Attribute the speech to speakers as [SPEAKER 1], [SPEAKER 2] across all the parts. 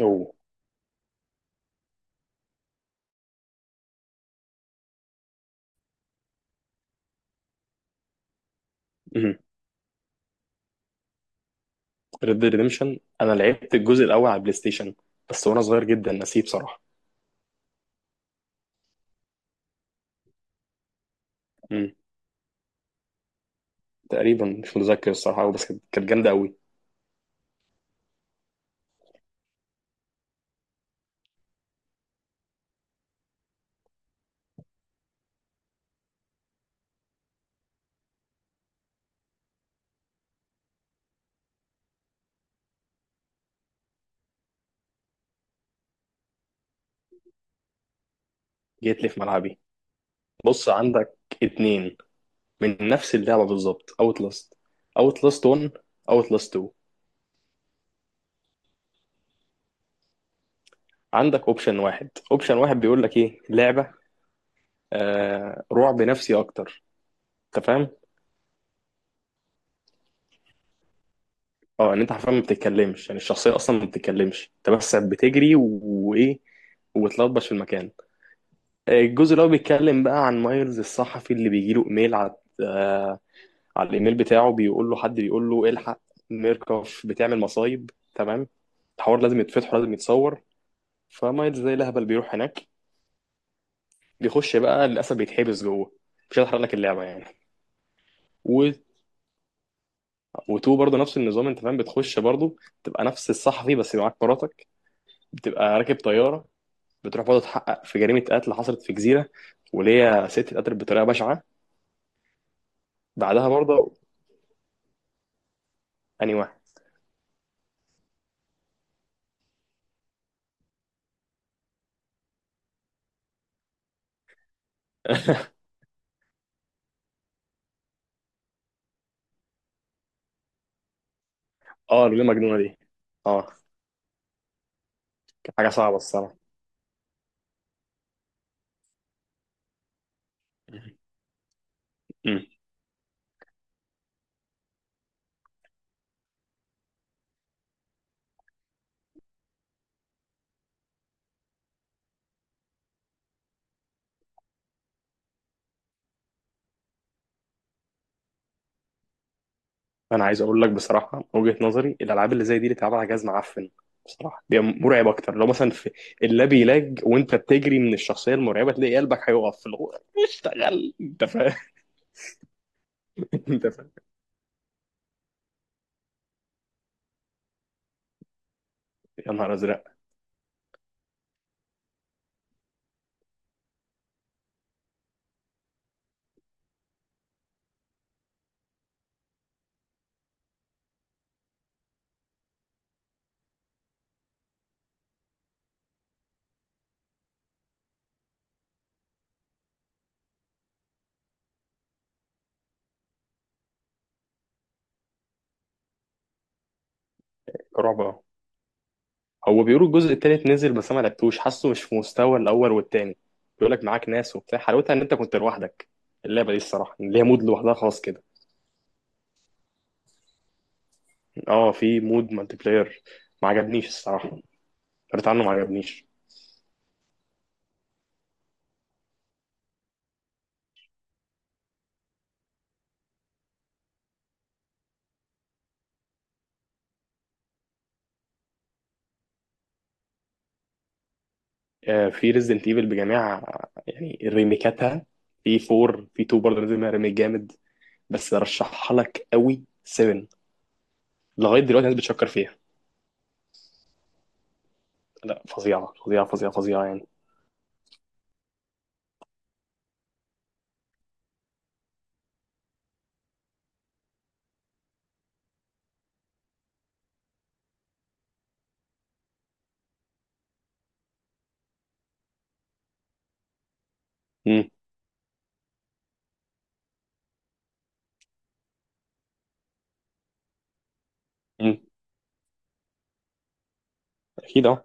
[SPEAKER 1] اوه. ريد ديد ريديمشن انا لعبت الجزء الاول على البلاي ستيشن بس وانا صغير جدا، نسيت بصراحه. مم. تقريبا مش متذكر الصراحه أوي، بس كانت جامده قوي. جيت لي في ملعبي. بص، عندك اتنين من نفس اللعبه بالظبط: اوت لاست، اوت لاست 1، اوت لاست 2. عندك اوبشن واحد، اوبشن واحد بيقول لك ايه لعبه آه رعب نفسي اكتر، انت فاهم؟ اه، ان انت حرفيا ما بتتكلمش، يعني الشخصيه اصلا ما بتتكلمش، انت بس بتجري وايه، وتلطبش في المكان. الجزء اللي هو بيتكلم بقى عن مايلز الصحفي اللي بيجيله ايميل على آه، على الايميل بتاعه، بيقول له حد بيقول له الحق، ميركوف بتعمل مصايب. تمام. الحوار لازم يتفتح ولازم يتصور، فمايلز زي الهبل بيروح هناك، بيخش بقى، للاسف بيتحبس جوه. مش هحرق لك اللعبه يعني. و... وتو برضه نفس النظام، انت فاهم، بتخش برضه، تبقى نفس الصحفي بس معاك مراتك، بتبقى راكب طياره، بتروح برضه تحقق في جريمه قتل حصلت في جزيره، وليا ست اتقتلت بطريقه بشعه. بعدها برضه اني واحد. اه، الجمله المجنونه دي. اه. كانت حاجه صعبه الصراحه. امم انا عايز اقول لك بصراحه، من وجهه نظري الالعاب اللي زي دي اللي اتلعب على جهاز معفن، بصراحه دي مرعب اكتر. لو مثلا في اللاب يلاج وانت بتجري من الشخصيه المرعبه، تلاقي قلبك هيقف في الغور، اشتغل، انت فاهم. انت فاهم. يا نهار ازرق. رعب أهو. هو بيقولوا الجزء التالت نزل، بس انا ما لعبتوش، حاسه مش في مستوى الاول والتاني. بيقول لك معاك ناس وبتاع، حلاوتها ان انت كنت لوحدك. اللعبه دي الصراحه ليها مود لوحدها خاص كده. اه، في مود مالتي بلاير. ما عجبنيش الصراحه، فارت عنه، ما عجبنيش. في ريزدنت ايفل بجميع يعني ريميكاتها. في 4، في 2 برضه نزل منها ريميك جامد، بس رشحها لك قوي 7. لغايه دلوقتي الناس بتشكر فيها. لا، فظيعه فظيعه فظيعه فظيعه يعني. امم امم اكيد، اه.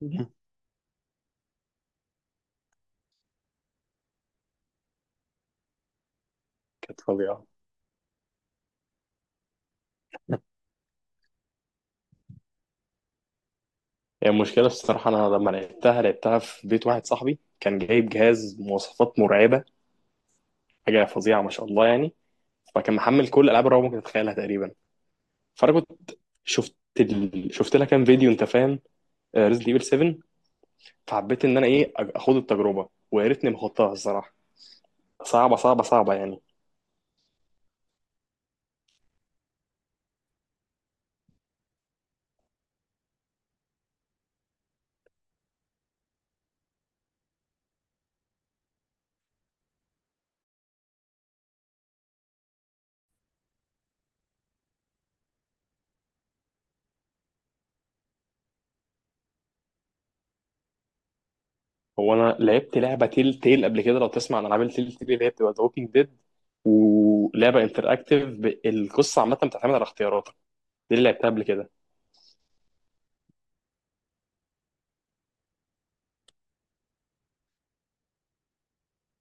[SPEAKER 1] مم. كانت فظيعه. هي يعني المشكله الصراحه، انا لما لعبتها، لعبتها في بيت واحد صاحبي، كان جايب جهاز مواصفات مرعبه، حاجه فظيعه ما شاء الله يعني. فكان محمل كل العاب الرعب ممكن تتخيلها تقريبا. فانا كنت شفت، شفت لها كام فيديو، انت فاهم، ريزد ايفل 7. فحبيت ان انا ايه، اخد التجربه، ويا ريتني ما خدتها الصراحه. صعبه صعبه صعبه يعني. هو انا لعبت لعبه تيل تيل قبل كده، لو تسمع عن العاب التيل تيل اللي هي بتبقى ذا ووكينج ديد، ولعبه انتراكتيف، القصه عامه بتعتمد على اختياراتك. دي اللي لعبتها قبل كده.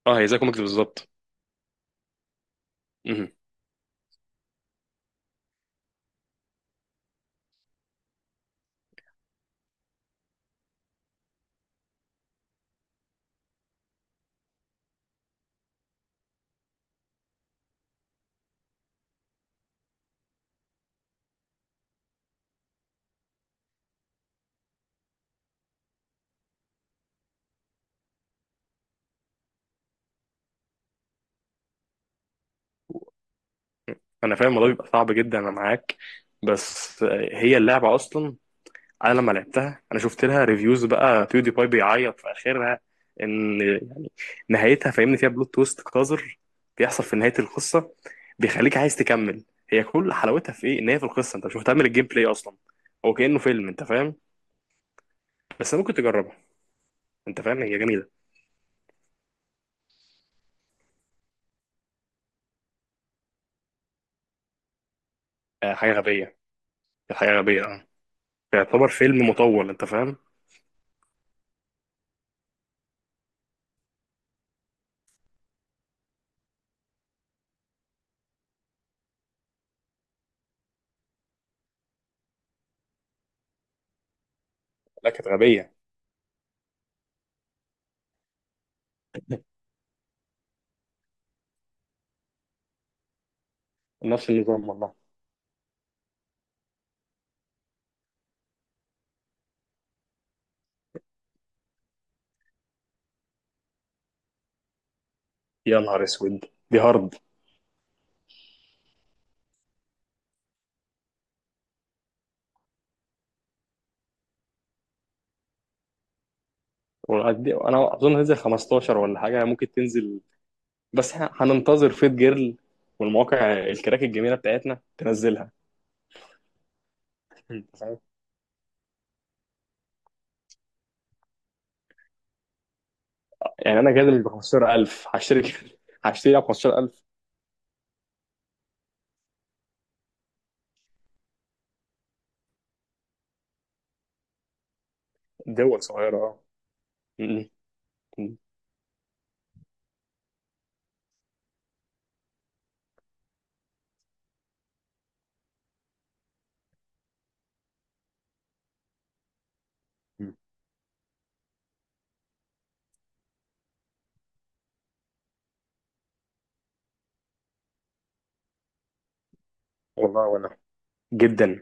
[SPEAKER 1] اه، هي زي كوميكس بالظبط. مهم. انا فاهم الموضوع بيبقى صعب جدا، انا معاك. بس آه، هي اللعبه اصلا، انا لما لعبتها، انا شفت لها ريفيوز بقى، بيودي باي بيعيط في اخرها. ان يعني، نهايتها فاهمني، فيها بلوت تويست قذر بيحصل في نهايه القصه، بيخليك عايز تكمل. هي كل حلاوتها في ايه، ان هي في القصه، انت مش مهتم بالجيم بلاي اصلا، هو كانه فيلم، انت فاهم. بس ممكن تجربها. انت فاهم، هي جميله. آه، حاجه غبيه. حاجه غبيه، اه. يعتبر فيلم مطول، انت فاهم. لا كانت غبيه. نفس النظام والله. يا نهار اسود. دي هارد. انا اظن هتنزل 15 ولا حاجه، ممكن تنزل. بس احنا هننتظر فيت جيرل والمواقع الكراك الجميله بتاعتنا تنزلها. انت فاهم، يعني انا جاي ب 15,000 هشتري؟ هشتري 15,000؟ دول صغيرة اه. م- م- م. والله وانا جدا.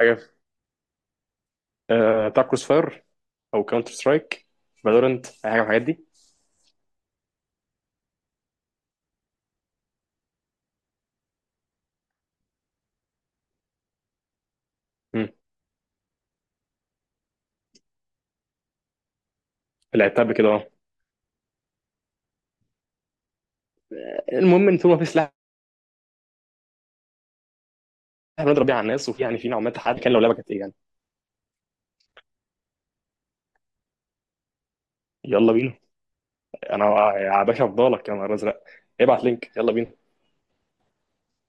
[SPEAKER 1] حاجة في- آه، بتاع كروس فاير او كاونتر سترايك، فالورنت، اي حاجه من الحاجات دي. م. لعبتها قبل كده اه. المهم ان طول ما في سلاح بنضرب بيه على الناس، وفي يعني في نوع ما تحدي، كان لو لعبه كانت ايه يعني. يلا بينا. انا يا باشا افضلك، يا نهار ازرق. ابعت لينك، يلا بينا.